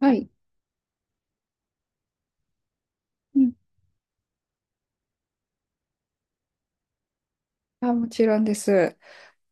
はい。うん。もちろんです。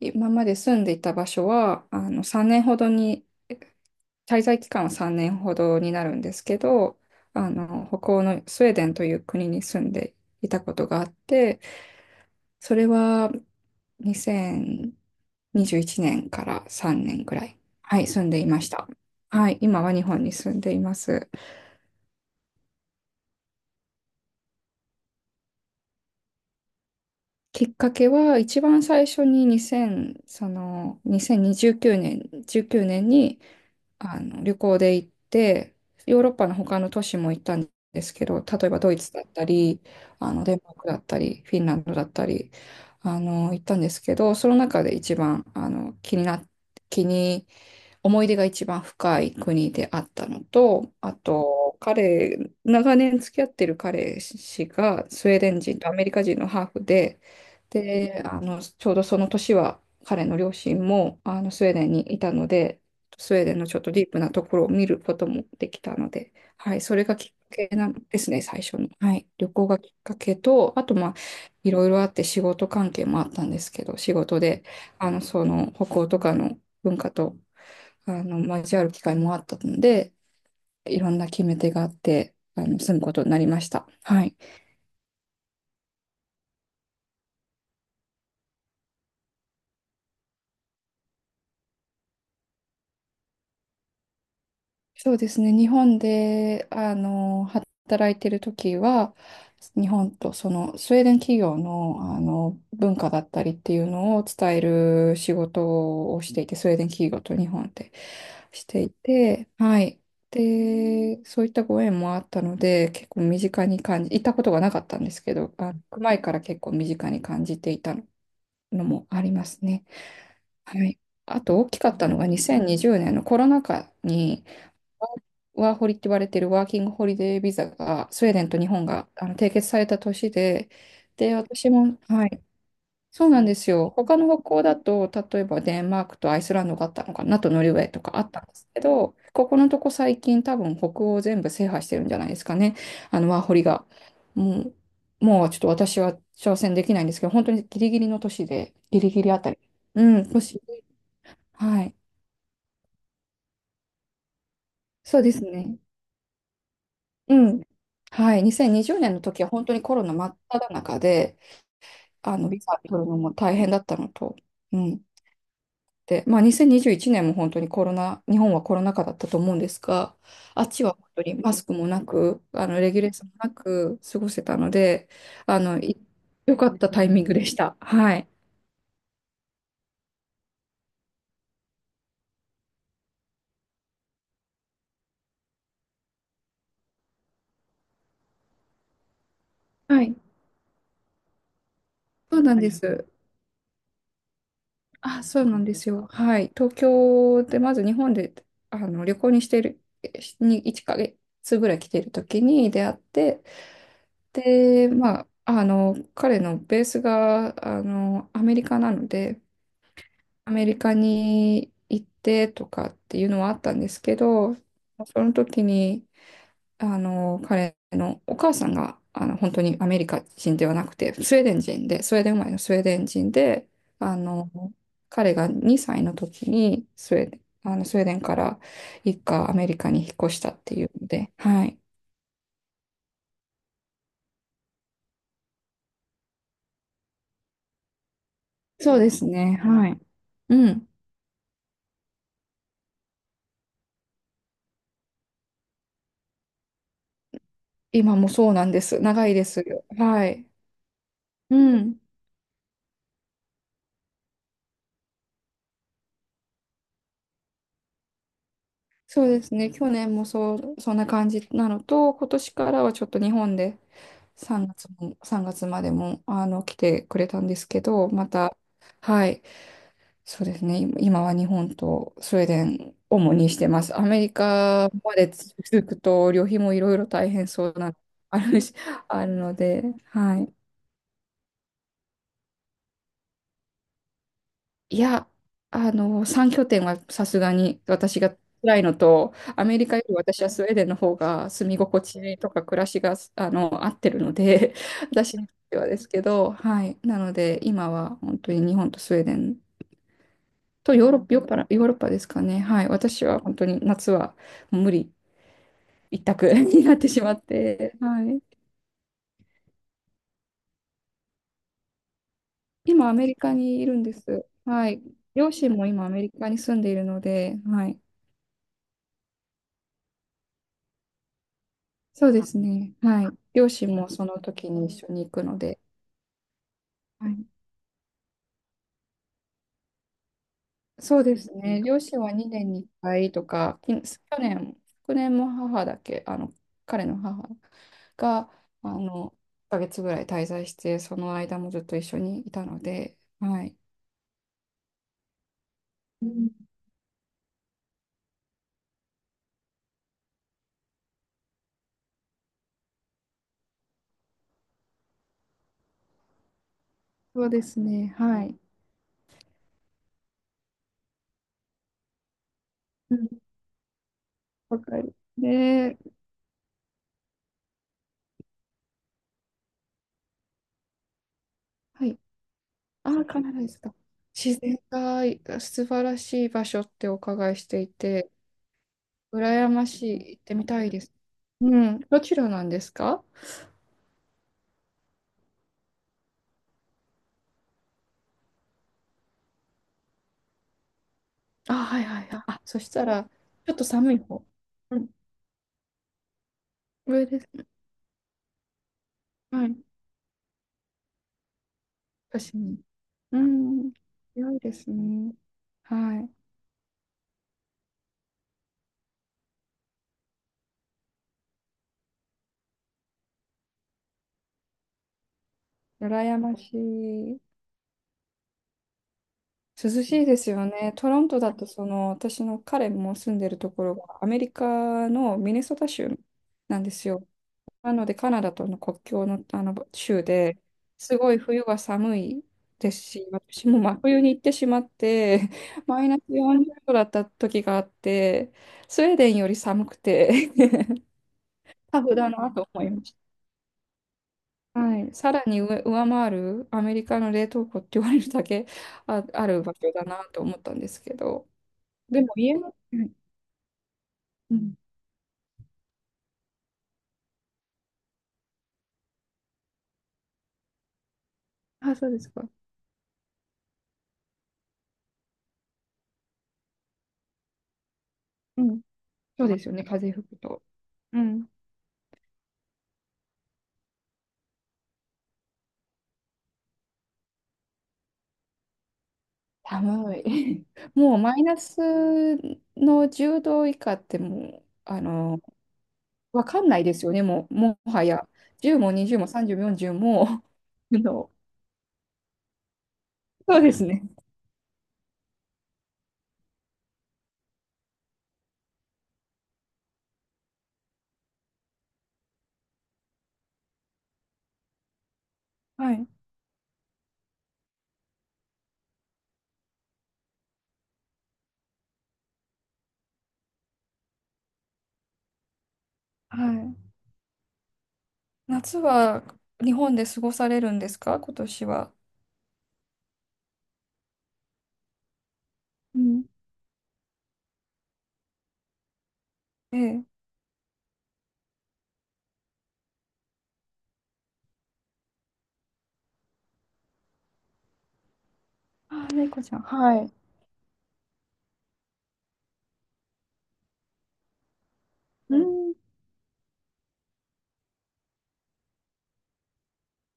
今まで住んでいた場所は、3年ほどに、滞在期間は3年ほどになるんですけど、北欧のスウェーデンという国に住んでいたことがあって、それは2021年から3年ぐらい、はい、住んでいました。はい、今は日本に住んでいます。きっかけは一番最初に2 0、その2029年、19年に旅行で行って、ヨーロッパの他の都市も行ったんですけど、例えばドイツだったり、デンマークだったり、フィンランドだったり、行ったんですけど、その中で一番あの気にな気に思い出が一番深い国であったのと、あと、彼、長年付き合ってる彼氏がスウェーデン人とアメリカ人のハーフで、で、ちょうどその年は彼の両親もスウェーデンにいたので、スウェーデンのちょっとディープなところを見ることもできたので、はい、それがきっかけなんですね、最初の。はい、旅行がきっかけと、あと、まあ、いろいろあって仕事関係もあったんですけど、仕事で、その北欧とかの文化と交わる機会もあったので、いろんな決め手があって、住むことになりました。はい。そうですね。日本で、働いてる時は、日本とそのスウェーデン企業の、文化だったりっていうのを伝える仕事をしていて、スウェーデン企業と日本でしていて、はい。で、そういったご縁もあったので、結構身近に感じ、行ったことがなかったんですけど、あ、行く前から結構身近に感じていたのもありますね。はい。あと大きかったのが2020年のコロナ禍に、ワーホリって言われてるワーキングホリデービザがスウェーデンと日本が締結された年で、で、私も、はい、そうなんですよ。他の北欧だと、例えばデンマークとアイスランドがあったのかな、あとノルウェーとかあったんですけど、ここのとこ最近多分北欧全部制覇してるんじゃないですかね。あのワーホリが。ももうちょっと私は挑戦できないんですけど、本当にギリギリの年で、ギリギリあたり。うん、年。はい。そうですね。うん。はい。2020年の時は本当にコロナ真っ只中で、ビザ取るのも大変だったのと、うん。で、まあ、2021年も本当にコロナ、日本はコロナ禍だったと思うんですが、あっちは本当にマスクもなく、レギュレーションもなく過ごせたので、あの、い良かったタイミングでした。はい。はい。そうなんです。あ、そうなんですよ。はい。東京で、まず日本で旅行にしている、に1ヶ月ぐらい来ている時に出会って、で、まあ、彼のベースが、アメリカなので、アメリカに行ってとかっていうのはあったんですけど、その時に、彼のお母さんが、本当にアメリカ人ではなくて、スウェーデン人で、スウェーデン生まれのスウェーデン人で、あの、彼が2歳の時にスウェーデン、スウェーデンから一家アメリカに引っ越したっていうので、はい。そうですね、はい。うん。今もそうなんです。長いですよ。はい。うん。そうですね、去年もそう、そんな感じなのと、今年からはちょっと日本で3月も、3月までも来てくれたんですけど、また、はい、そうですね、今は日本とスウェーデン、主にしてます。アメリカまで続くと、旅費もいろいろ大変そうな、あるし、あるので、はい。いや、3拠点はさすがに私が辛いのと、アメリカより私はスウェーデンの方が住み心地とか暮らしが、合ってるので、私にとってはですけど、はい。なので、今は本当に日本とスウェーデンとヨーロッパ、ヨーロッパですかね。はい。私は本当に夏はもう無理一択 になってしまって、はい。今、アメリカにいるんです。はい。両親も今、アメリカに住んでいるので、はい。そうですね。はい。両親もその時に一緒に行くので。はい。そうですね。両親は2年に1回とか、去年、昨年も母だけ、彼の母が、1ヶ月ぐらい滞在して、その間もずっと一緒にいたので、はい。うん。そうですね。はい。うん。わかる。で、はい。ああ、カナダですか。自然が素晴らしい場所ってお伺いしていて、羨ましい。行ってみたいです。うん。どちらなんですか？あ、はいはいはい。あ、そしたら、ちょっと寒い方。うん。上です。はい。確かに。うん。良いですね。はい。羨ましい。涼しいですよね。トロントだと、その、私の彼も住んでるところが、アメリカのミネソタ州なんですよ。なので、カナダとの国境の、あの州ですごい冬は寒いですし、私も真冬に行ってしまって、マイナス40度だった時があって、スウェーデンより寒くて タフだなと思いました。はい、さらに上回るアメリカの冷凍庫って言われるだけある場所だなと思ったんですけど、でも家の、うん、うん。あ、そうですか。うん、そうですよね、風吹くと。うん。寒い。もうマイナスの10度以下ってもう、わかんないですよね、もう、もはや。10も20も30も40も、の、そうですね。はい。はい。夏は日本で過ごされるんですか、今年は。うん。ええ。あ、猫ちゃん。はい。うん。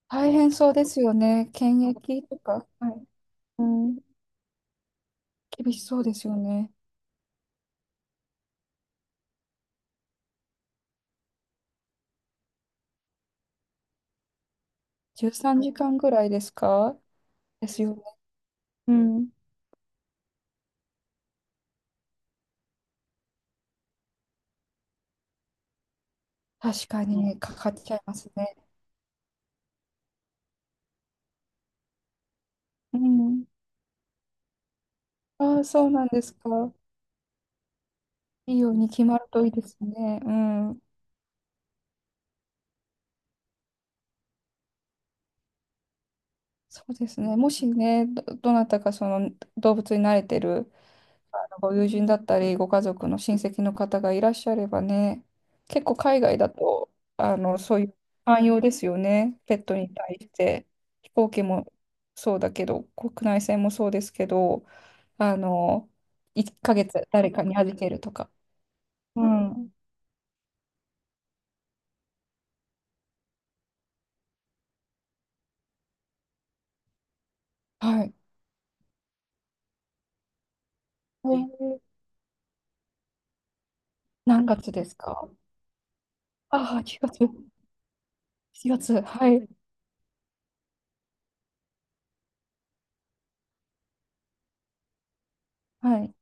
大変そうですよね。検疫とか。はい。うん。厳しそうですよね。13時間ぐらいですか？ですよね。うん。確かに、かかっちゃいますね。うん。ああ、そうなんですか。いいように決まるといいですね。うん。そうですね。もしね、どなたかその動物に慣れてるご友人だったり、ご家族の親戚の方がいらっしゃればね、結構海外だと、そういう寛容ですよね。ペットに対して。飛行機もそうだけど、国内線もそうですけど、あの、1ヶ月誰かに預けるとか。うん。はい。えー何月ですか？ああー、月、4月、はい、はい。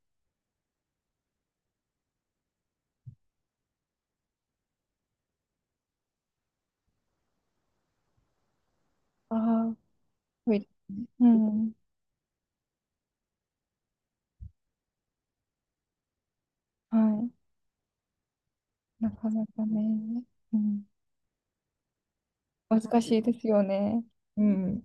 ああ、はい。うん、はい。なかなかね、うん、難しいですよね。うん。